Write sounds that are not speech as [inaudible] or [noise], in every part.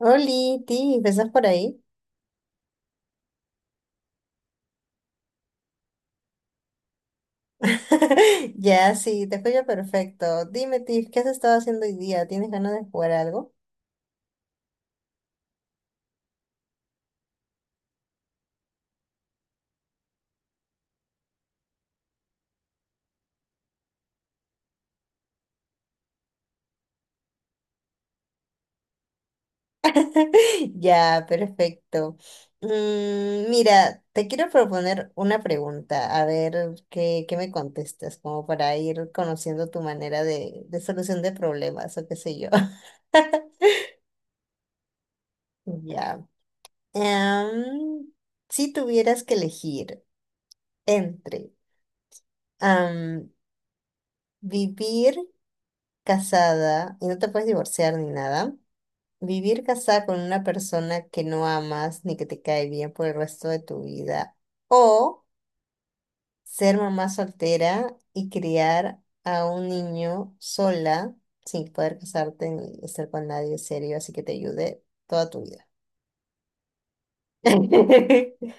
Oli, Tiff, ¿estás por ahí? [laughs] Ya, sí, te escucho perfecto. Dime, Tiff, ¿qué has estado haciendo hoy día? ¿Tienes ganas de jugar algo? [laughs] Ya, perfecto. Mira, te quiero proponer una pregunta, a ver qué me contestas, como para ir conociendo tu manera de solución de problemas o qué sé yo. [laughs] Ya. Em, si tuvieras que elegir entre em, vivir casada y no te puedes divorciar ni nada, vivir casada con una persona que no amas ni que te cae bien por el resto de tu vida, o ser mamá soltera y criar a un niño sola sin poder casarte ni estar con nadie serio, así que te ayude toda tu vida. [laughs]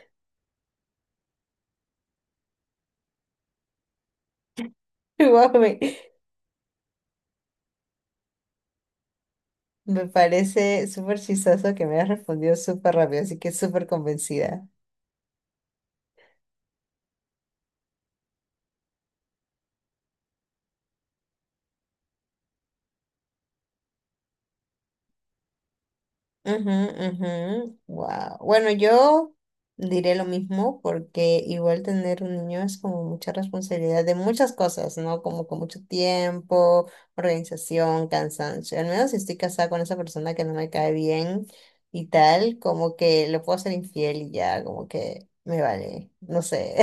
Guau, me parece súper chistoso que me hayas respondido súper rápido, así que súper convencida. Wow. Bueno, yo diré lo mismo porque igual tener un niño es como mucha responsabilidad de muchas cosas, ¿no? Como con mucho tiempo, organización, cansancio. Al menos si estoy casada con esa persona que no me cae bien y tal, como que le puedo ser infiel y ya, como que me vale, no sé.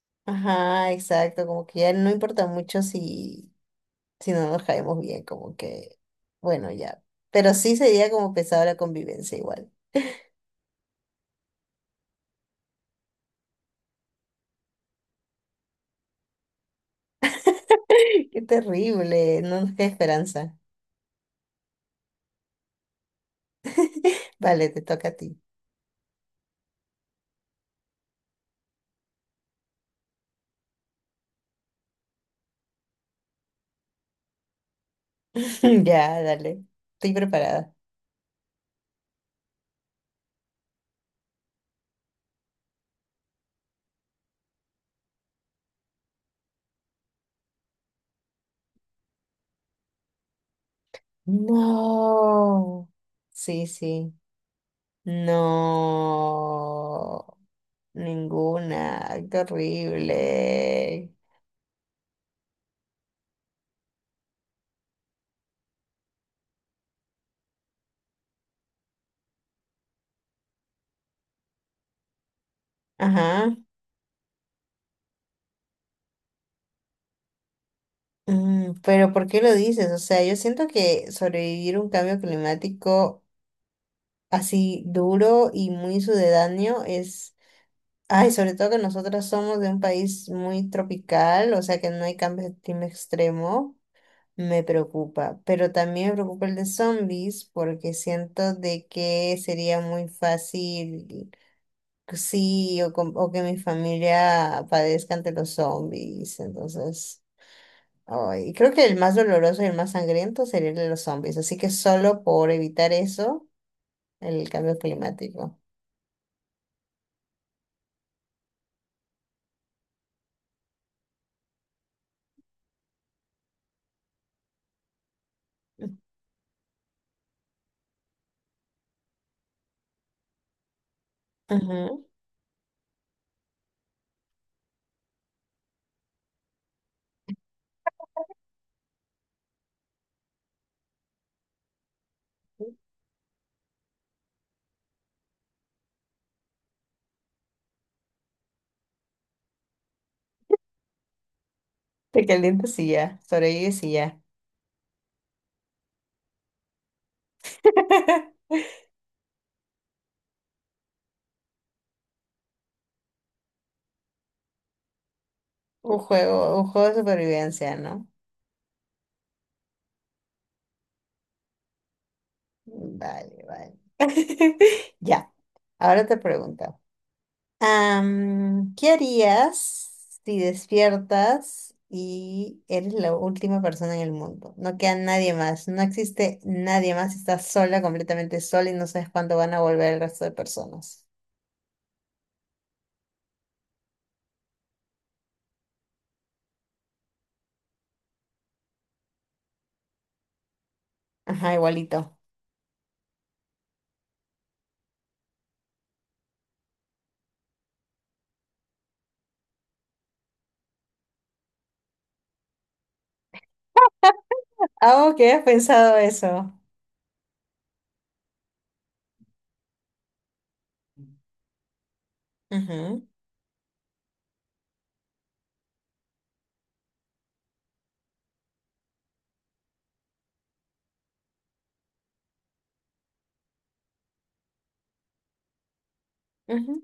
[laughs] Ajá, exacto, como que ya no importa mucho si no nos caemos bien, como que, bueno, ya. Pero sí sería como pesada la convivencia igual. [laughs] Qué terrible, no nos queda esperanza. [laughs] Vale, te toca a ti. [laughs] Ya, dale. Estoy preparada. No. Sí, sí. No. Ninguna. Ay, qué horrible. Ajá. Mm, pero ¿por qué lo dices? O sea, yo siento que sobrevivir un cambio climático así duro y muy sucedáneo es, ay, sobre todo que nosotros somos de un país muy tropical, o sea que no hay cambios de clima extremo, me preocupa. Pero también me preocupa el de zombies porque siento de que sería muy fácil, sí, o, o que mi familia padezca ante los zombies, entonces... ay, creo que el más doloroso y el más sangriento sería el de los zombies, así que solo por evitar eso, el cambio climático. Te calientas y ya, sobrevives y sí ya. [laughs] Un juego de supervivencia, ¿no? Vale, vale. [laughs] Ya, ahora te pregunto. ¿Qué harías si despiertas y eres la última persona en el mundo? No queda nadie más, no existe nadie más, estás sola, completamente sola y no sabes cuándo van a volver el resto de personas. Ajá, igualito. Ah, ok, has pensado eso. Ujú, ujú.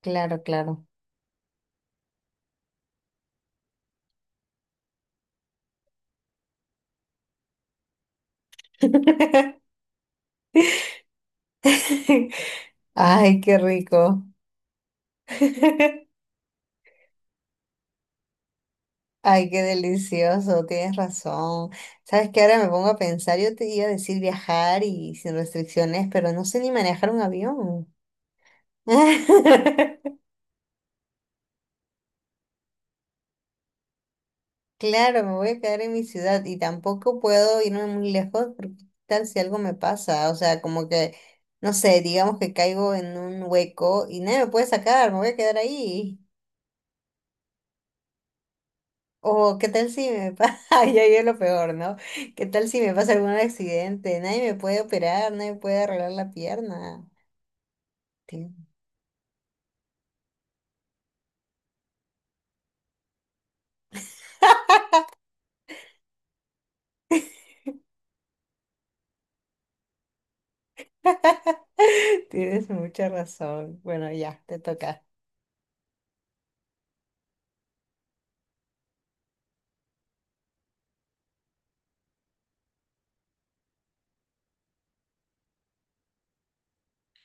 Claro, claro. [laughs] [laughs] Ay, qué rico. [laughs] Ay, qué delicioso, tienes razón. Sabes que ahora me pongo a pensar, yo te iba a decir viajar y sin restricciones, pero no sé ni manejar un avión. [laughs] Claro, me voy a quedar en mi ciudad y tampoco puedo irme muy lejos porque qué tal si algo me pasa, o sea, como que, no sé, digamos que caigo en un hueco y nadie me puede sacar, me voy a quedar ahí. O qué tal si me pasa, [laughs] ya es lo peor, ¿no? ¿Qué tal si me pasa algún accidente? Nadie me puede operar, nadie me puede arreglar la pierna. Tien- [laughs] Tienes mucha razón. Bueno, ya, te toca.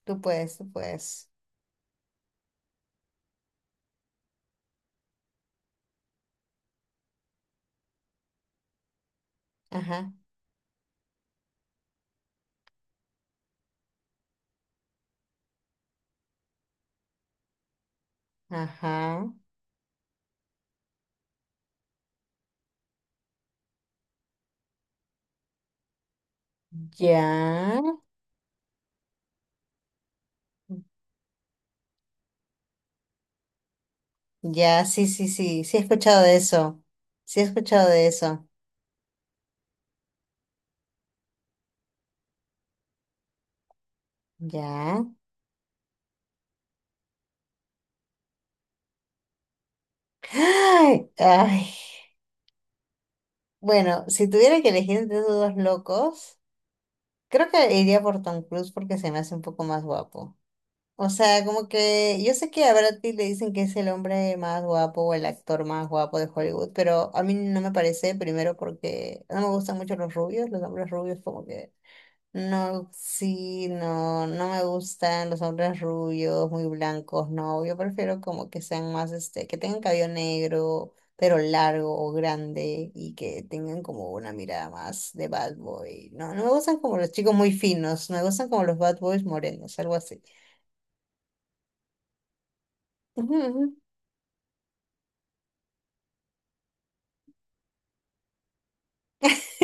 Tú puedes, tú puedes. Ajá, ajá. Ya, ya, sí, sí, sí, sí he escuchado de eso. Sí he escuchado de eso. Ya. [gasps] Ay, ay. Bueno, si tuviera que elegir entre esos dos locos. Creo que iría por Tom Cruise porque se me hace un poco más guapo. O sea, como que yo sé que a Brad Pitt le dicen que es el hombre más guapo o el actor más guapo de Hollywood, pero a mí no me parece, primero porque no me gustan mucho los rubios, los hombres rubios como que no, sí, no, no me gustan los hombres rubios, muy blancos, no, yo prefiero como que sean más, este, que tengan cabello negro, pero largo o grande y que tengan como una mirada más de bad boy. No, no me gustan como los chicos muy finos, me gustan como los bad boys morenos, algo así. [laughs]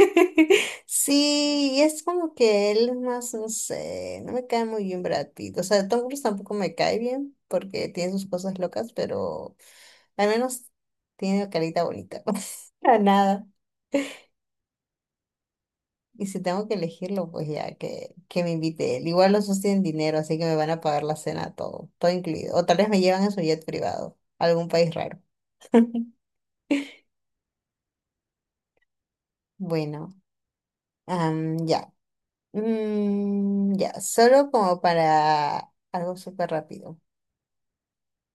[laughs] Sí, y es como que él es más, no sé, no me cae muy bien Brad Pitt. O sea, Tom Cruise tampoco me cae bien porque tiene sus cosas locas, pero al menos tiene carita bonita. [laughs] Para nada. Y si tengo que elegirlo, pues ya que me invite él. Igual los dos tienen dinero, así que me van a pagar la cena todo incluido. O tal vez me llevan en su jet privado, a algún país raro. Bueno, ya. Mm, ya, solo como para algo súper rápido.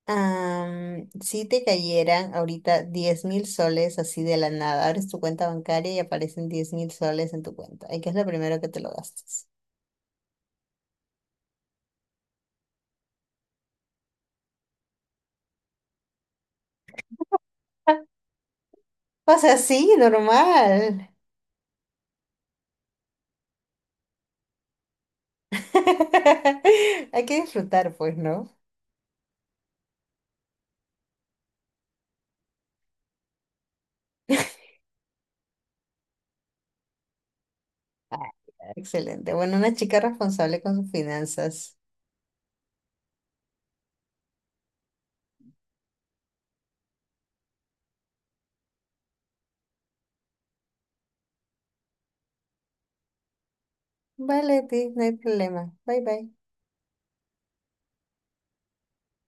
Si te cayeran ahorita 10.000 soles así de la nada, abres tu cuenta bancaria y aparecen 10.000 soles en tu cuenta. ¿Y qué es lo primero que te lo gastas? [laughs] O sea, sí, normal. [laughs] Hay que disfrutar, pues, ¿no? [laughs] Ah, excelente. Bueno, una chica responsable con sus finanzas. Vale, Ti, no hay problema. Bye bye.